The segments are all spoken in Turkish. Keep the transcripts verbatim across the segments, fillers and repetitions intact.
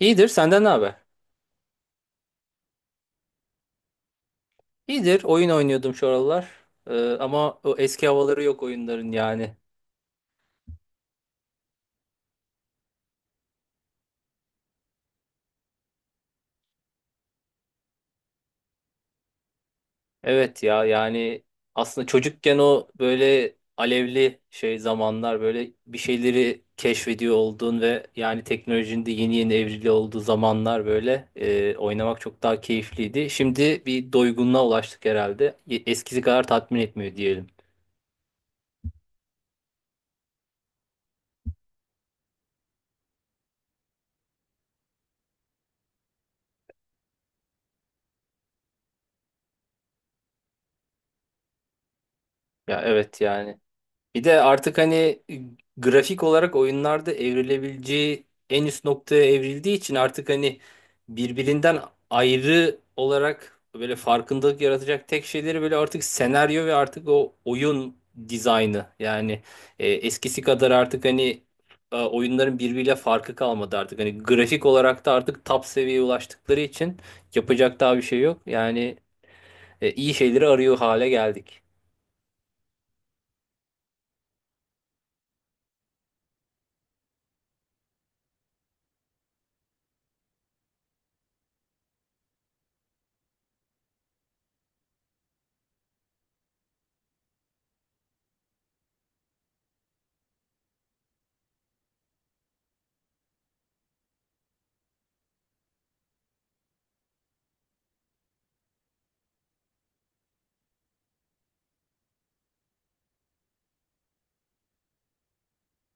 İyidir, senden ne haber? İyidir, oyun oynuyordum şu aralar. Ee, ama o eski havaları yok oyunların yani. Evet ya yani aslında çocukken o böyle alevli şey zamanlar böyle bir şeyleri keşfediyor olduğun ve yani teknolojinin de yeni yeni evrili olduğu zamanlar böyle e, oynamak çok daha keyifliydi. Şimdi bir doygunluğa ulaştık herhalde. Eskisi kadar tatmin etmiyor diyelim. Ya evet yani. Bir de artık hani grafik olarak oyunlarda evrilebileceği en üst noktaya evrildiği için artık hani birbirinden ayrı olarak böyle farkındalık yaratacak tek şeyleri böyle artık senaryo ve artık o oyun dizaynı. Yani e, eskisi kadar artık hani e, oyunların birbiriyle farkı kalmadı artık. Hani grafik olarak da artık top seviyeye ulaştıkları için yapacak daha bir şey yok. Yani e, iyi şeyleri arıyor hale geldik.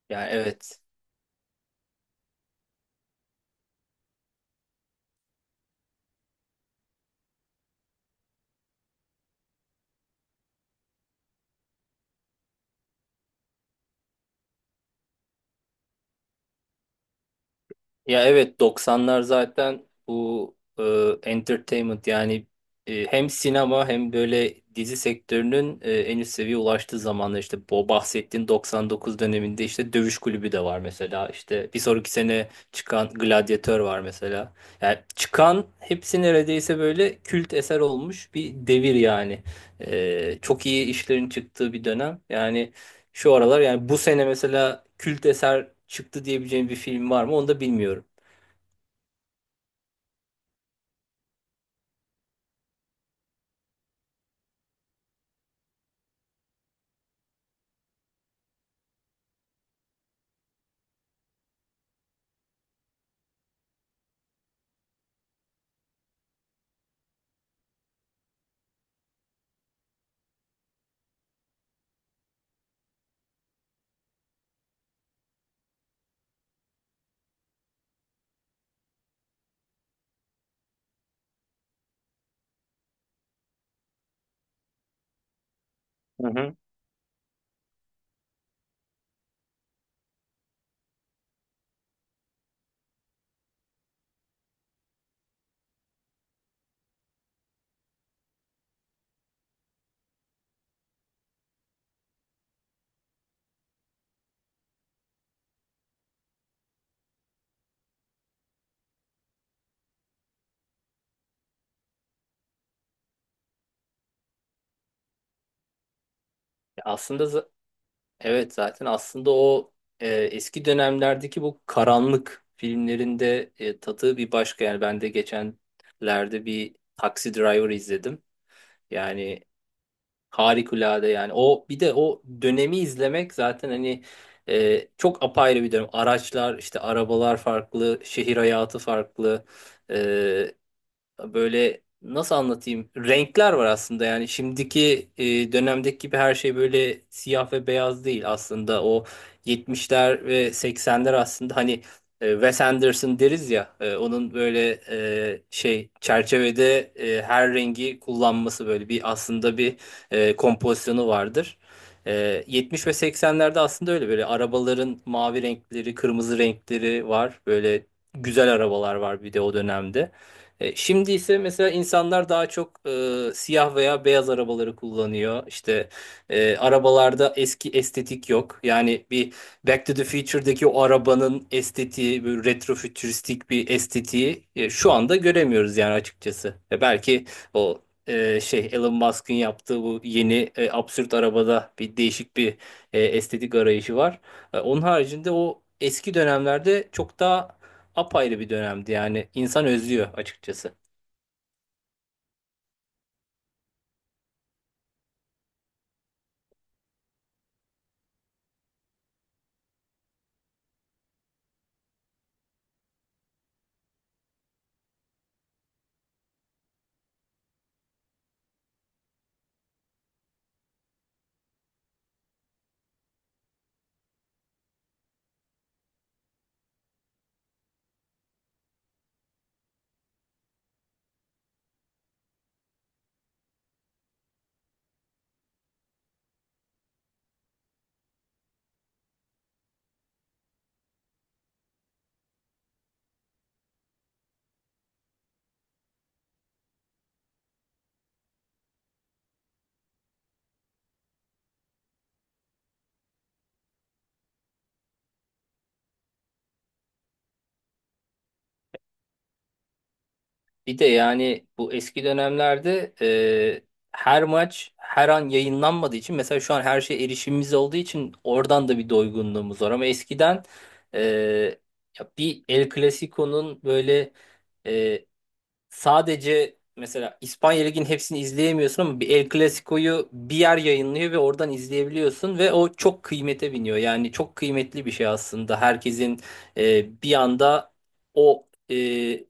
Yani evet. Ya evet doksanlar zaten bu e, entertainment yani e, hem sinema hem böyle dizi sektörünün e, en üst seviyeye ulaştığı zamanlar işte bu bahsettiğin doksan dokuz döneminde işte Dövüş Kulübü de var mesela, işte bir sonraki sene çıkan Gladyatör var mesela. Yani çıkan hepsi neredeyse böyle kült eser olmuş bir devir yani. E, çok iyi işlerin çıktığı bir dönem. Yani şu aralar yani bu sene mesela kült eser çıktı diyebileceğim bir film var mı onu da bilmiyorum. Hı hı. Aslında za- evet zaten aslında o e, eski dönemlerdeki bu karanlık filmlerinde e, tadı bir başka yani, ben de geçenlerde bir Taxi Driver izledim. Yani harikulade yani, o bir de o dönemi izlemek zaten hani e, çok apayrı bir dönem. Araçlar işte, arabalar farklı, şehir hayatı farklı. Böyle nasıl anlatayım? Renkler var aslında, yani şimdiki e, dönemdeki gibi her şey böyle siyah ve beyaz değil aslında. O yetmişler ve seksenler aslında hani e, Wes Anderson deriz ya, e, onun böyle e, şey çerçevede e, her rengi kullanması böyle bir aslında bir e, kompozisyonu vardır. E, yetmiş ve seksenlerde aslında öyle böyle arabaların mavi renkleri, kırmızı renkleri var. Böyle güzel arabalar var bir de o dönemde. E, Şimdi ise mesela insanlar daha çok e, siyah veya beyaz arabaları kullanıyor. İşte e, arabalarda eski estetik yok. Yani bir Back to the Future'daki o arabanın estetiği, böyle retrofütüristik bir estetiği e, şu anda göremiyoruz yani açıkçası. E, belki o e, şey Elon Musk'ın yaptığı bu yeni e, absürt arabada bir değişik bir e, estetik arayışı var. E, onun haricinde o eski dönemlerde çok daha apayrı bir dönemdi yani, insan özlüyor açıkçası. Bir de yani bu eski dönemlerde e, her maç her an yayınlanmadığı için, mesela şu an her şey erişimimiz olduğu için oradan da bir doygunluğumuz var, ama eskiden e, ya bir El Clasico'nun böyle. Sadece mesela İspanya Ligi'nin hepsini izleyemiyorsun ama bir El Clasico'yu bir yer yayınlıyor ve oradan izleyebiliyorsun ve o çok kıymete biniyor. Yani çok kıymetli bir şey aslında. Herkesin e, bir anda o e,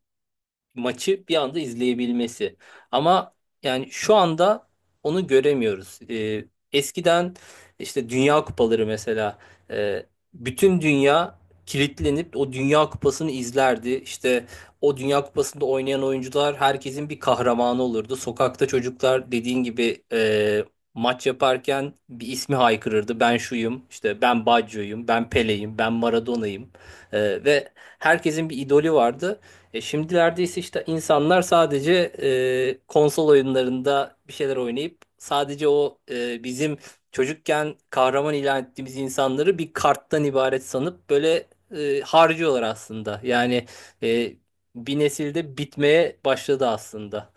maçı bir anda izleyebilmesi. Ama yani şu anda onu göremiyoruz. Ee, eskiden işte Dünya Kupaları mesela, e, bütün dünya kilitlenip o Dünya Kupası'nı izlerdi. İşte o Dünya Kupası'nda oynayan oyuncular herkesin bir kahramanı olurdu. Sokakta çocuklar dediğin gibi e, maç yaparken bir ismi haykırırdı. Ben şuyum, işte ben Baggio'yum, ben Pele'yim, ben Maradona'yım. E, ve herkesin bir idolü vardı. E şimdilerde ise işte insanlar sadece e, konsol oyunlarında bir şeyler oynayıp sadece o e, bizim çocukken kahraman ilan ettiğimiz insanları bir karttan ibaret sanıp böyle e, harcıyorlar aslında. Yani e, bir nesilde bitmeye başladı aslında.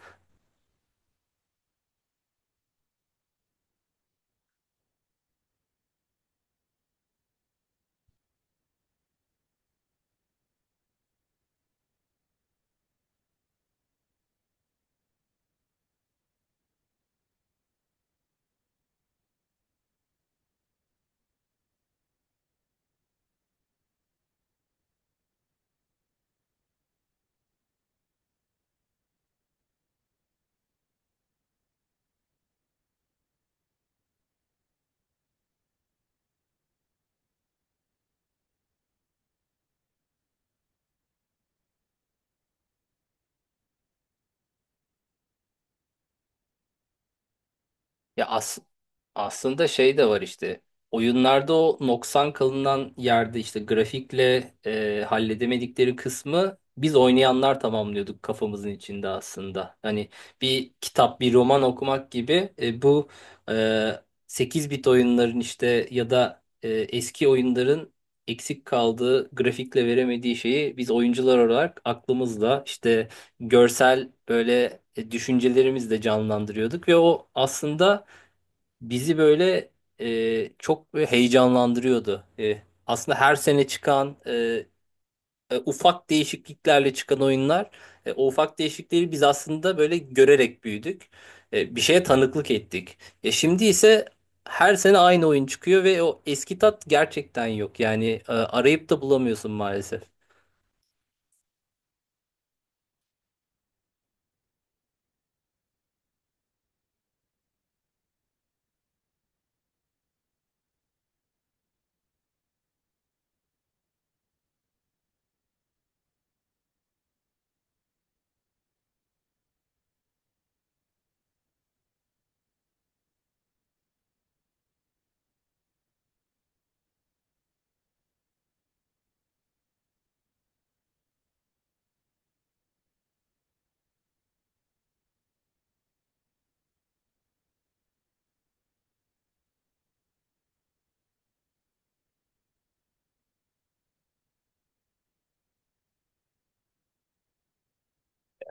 Ya as aslında şey de var işte. Oyunlarda o noksan kalınan yerde, işte grafikle e, halledemedikleri kısmı biz oynayanlar tamamlıyorduk kafamızın içinde aslında. Hani bir kitap, bir roman okumak gibi e, bu e, sekiz bit oyunların işte, ya da e, eski oyunların eksik kaldığı, grafikle veremediği şeyi biz oyuncular olarak aklımızla işte görsel böyle e, düşüncelerimizle canlandırıyorduk ve o aslında bizi böyle e, çok böyle heyecanlandırıyordu. E, aslında her sene çıkan e, e, ufak değişikliklerle çıkan oyunlar, e, o ufak değişiklikleri biz aslında böyle görerek büyüdük. E, bir şeye tanıklık ettik. E, şimdi ise her sene aynı oyun çıkıyor ve o eski tat gerçekten yok. Yani e, arayıp da bulamıyorsun maalesef.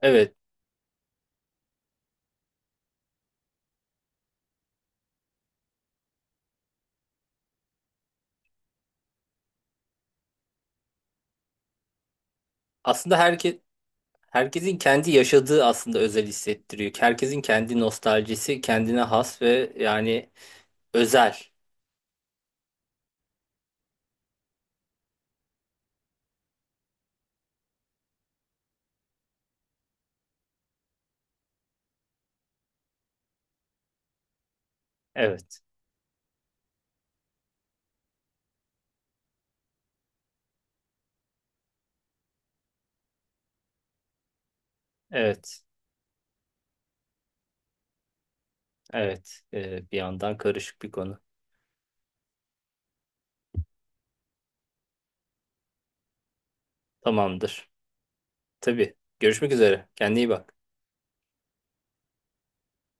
Evet. Aslında herkes, herkesin kendi yaşadığı aslında özel hissettiriyor. Herkesin kendi nostaljisi kendine has ve yani özel. Evet, evet, evet. Ee, bir yandan karışık bir konu. Tamamdır. Tabii. Görüşmek üzere. Kendine iyi bak.